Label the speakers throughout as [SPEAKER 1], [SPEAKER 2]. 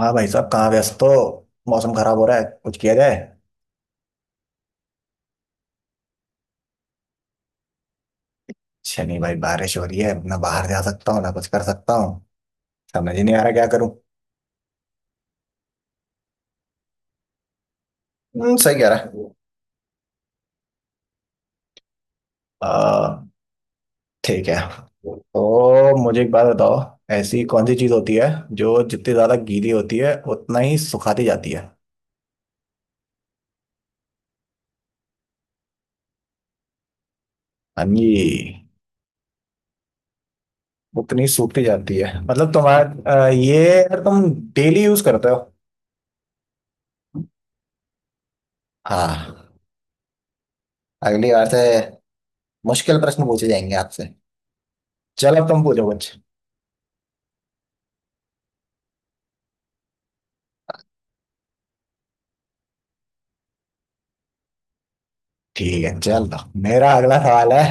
[SPEAKER 1] हाँ भाई साहब, कहाँ व्यस्त हो। मौसम खराब हो रहा है, कुछ किया जाए। शनि भाई, बारिश हो रही है ना, बाहर जा सकता हूँ ना कुछ कर सकता हूँ। समझ ही नहीं आ रहा क्या करूँ। सही कह रहा है। आ, ठीक है। तो मुझे एक बात बताओ, ऐसी कौन सी चीज होती है जो जितनी ज्यादा गीली होती है उतना ही सुखाती जाती है। हाँ जी। उतनी सूखती जाती है मतलब तुम्हारा, ये यार तुम डेली यूज करते हो। हाँ। अगली बार से मुश्किल प्रश्न पूछे जाएंगे आपसे। चलो अब तुम पूछो कुछ। ठीक है चल तो। मेरा अगला सवाल है।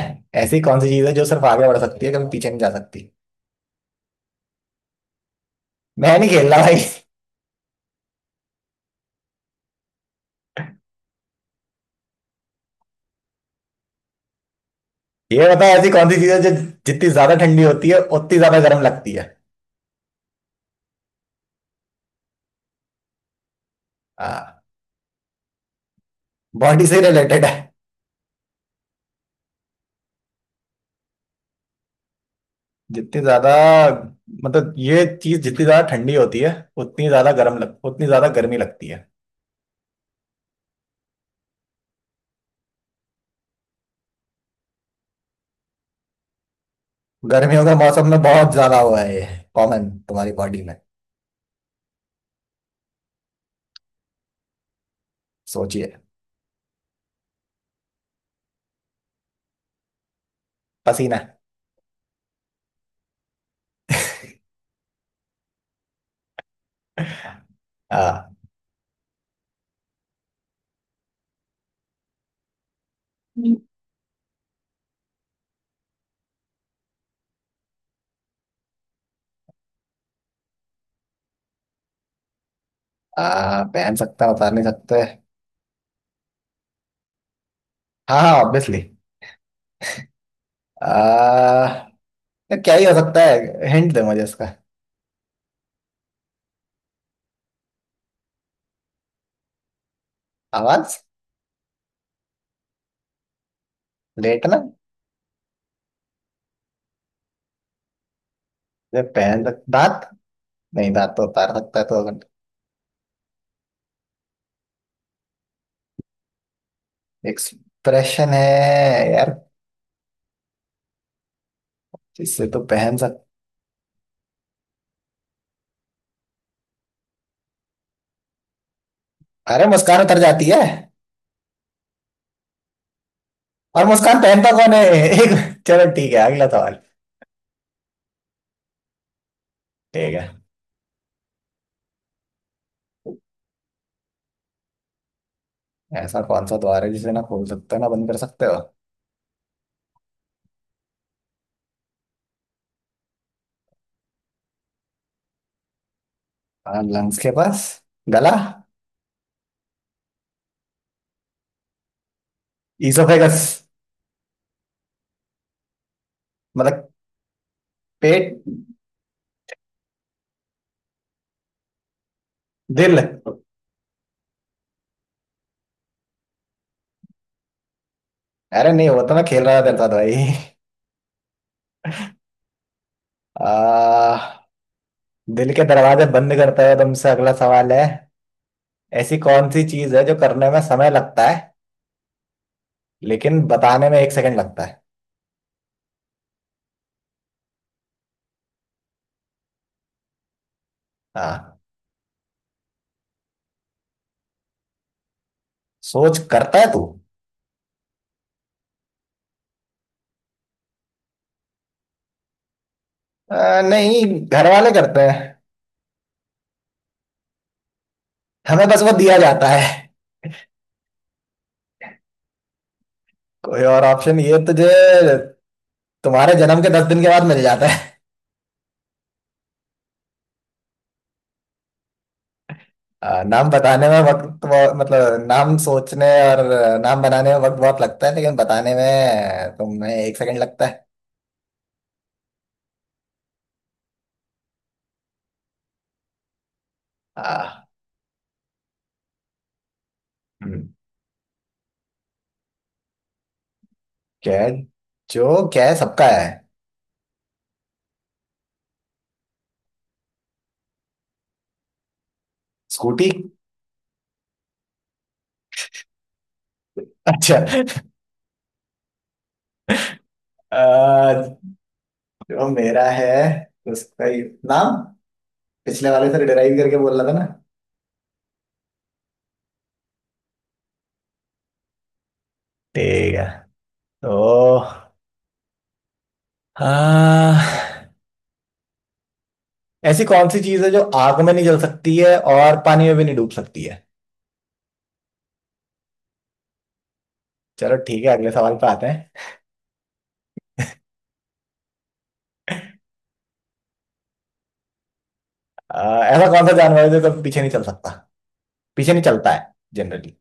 [SPEAKER 1] ऐसी कौन सी चीज है जो सिर्फ आगे बढ़ सकती है, कभी पीछे नहीं जा सकती? मैं नहीं खेल रहा भाई। ये बता, ऐसी कौन सी चीज है जो जितनी ज्यादा ठंडी होती है उतनी ज्यादा गर्म लगती है? हाँ। बॉडी से रिलेटेड है। जितनी ज्यादा, मतलब ये चीज जितनी ज्यादा ठंडी होती है उतनी ज्यादा गर्मी लगती है। गर्मियों के मौसम में बहुत ज्यादा हुआ है ये। कॉमन तुम्हारी बॉडी में। सोचिए। पसीना। हाँ। पहन सकता बता नहीं सकते। हाँ, हाँ, ऑब्वियसली। आ, तो क्या ही हो सकता है, हिंट दे मुझे इसका। आवाज। लेटना। दांत। नहीं, दांत तो उतार सकता है तो। एक्सप्रेशन है। यार। जिससे तो पहन सक अरे मुस्कान उतर जाती है, और मुस्कान पहनता कौन है। एक। चलो ठीक है, अगला सवाल। ठीक है। ऐसा कौन सा द्वार है जिसे ना खोल सकते हो ना बंद कर सकते हो? हाँ, लंग्स के पास। गला। इसोफेगस। मतलब पेट। दिल अरे। नहीं, वो तो मैं खेल रहा था तेरे साथ भाई। आ दिल के दरवाजे बंद करता है तुमसे। अगला सवाल है, ऐसी कौन सी चीज है जो करने में समय लगता है लेकिन बताने में 1 सेकंड लगता है? हाँ। सोच करता है तू? नहीं, घर वाले करते हैं, हमें बस वो दिया जाता है। कोई और ऑप्शन ये तुझे? तुम्हारे जन्म के 10 दिन के बाद मिल जाता है। नाम बताने में वक्त बहुत- मतलब नाम सोचने और नाम बनाने में वक्त बहुत लगता है, लेकिन बताने में तुम्हें 1 सेकंड लगता है। आ, हम्म, क्या है? जो क्या है सबका है। स्कूटी। अच्छा। आ, जो मेरा है उसका ही नाम। पिछले वाले से डिराइव करके बोल रहा था ना। ठीक है। तो आ, ऐसी कौन सी चीज है जो आग में नहीं जल सकती है और पानी में भी नहीं डूब सकती है? चलो ठीक है, अगले सवाल पे आते हैं। ऐसा कौन सा जानवर है जो कभी पीछे नहीं चल सकता, पीछे नहीं चलता है जनरली?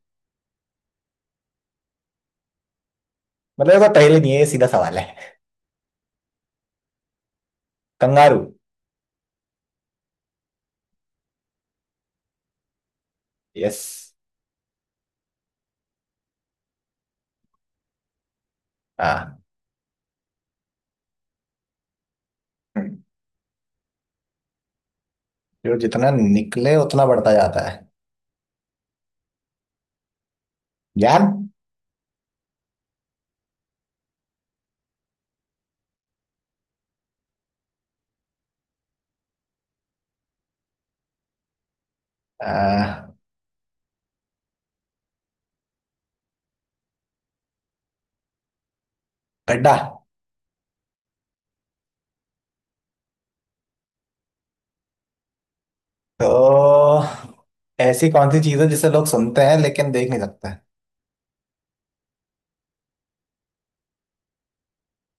[SPEAKER 1] मतलब ऐसा पहले नहीं है, ये सीधा सवाल है। कंगारू। यस। हाँ। हम्म। जो जितना निकले उतना बढ़ता जाता है। ज्ञान। आ, गड्ढा। तो ऐसी कौन सी चीज है जिसे लोग सुनते हैं लेकिन देख नहीं सकते?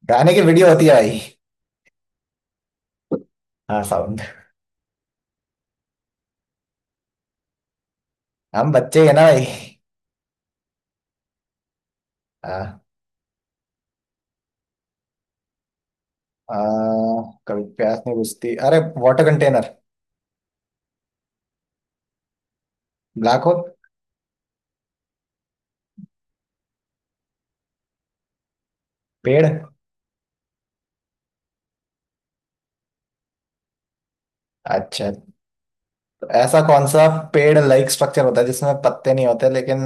[SPEAKER 1] गाने की वीडियो होती है भाई। हाँ, साउंड। हम बच्चे हैं ना भाई। हाँ। आ, कभी प्यास नहीं बुझती, अरे वाटर कंटेनर। Black hole. पेड़। अच्छा। तो ऐसा कौन सा पेड़ लाइक स्ट्रक्चर होता है जिसमें पत्ते नहीं होते लेकिन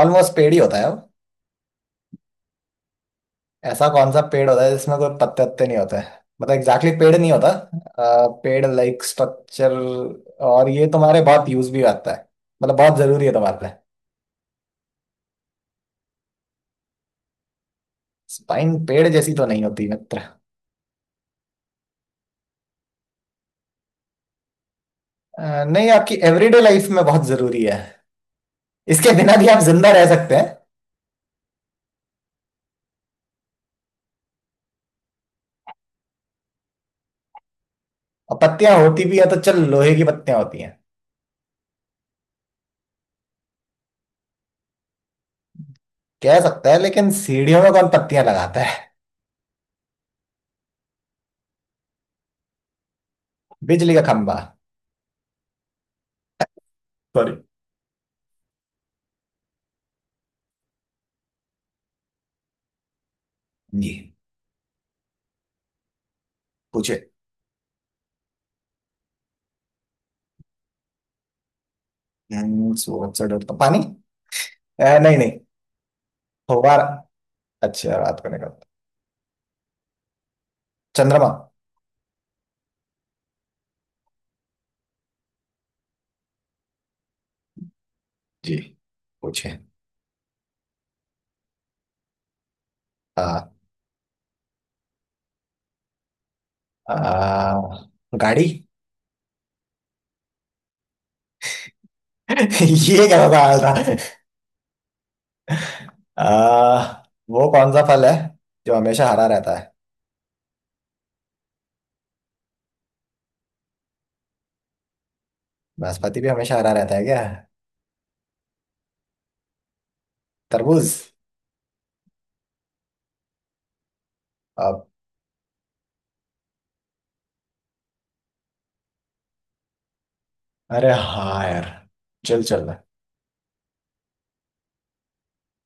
[SPEAKER 1] ऑलमोस्ट पेड़ ही होता है वो? ऐसा कौन सा पेड़ होता है जिसमें कोई पत्ते वत्ते नहीं होते, मतलब एग्जैक्टली exactly पेड़ नहीं होता, पेड़ लाइक स्ट्रक्चर, और ये तुम्हारे बहुत यूज भी आता है, मतलब बहुत जरूरी है तुम्हारे लिए। स्पाइन पेड़ जैसी तो नहीं होती मित्र। नहीं, आपकी एवरीडे लाइफ में बहुत जरूरी है, इसके बिना भी आप जिंदा रह सकते हैं। और पत्तियां होती भी है तो चल, लोहे की पत्तियां होती हैं कह सकता है, लेकिन सीढ़ियों में कौन पत्तियां लगाता है। बिजली का खंभा। सॉरी। जी, पूछे। सूरज से डरता पानी, नहीं, नहीं। फव्वारा। अच्छा, रात को निकलता। चंद्रमा। जी, पूछे। हाँ। आ, गाड़ी। ये क्या सवाल था। आ, वो कौन सा फल है जो हमेशा हरा रहता है? नाशपाती भी हमेशा हरा रहता है क्या? तरबूज। अब अरे हाँ यार। चल चल।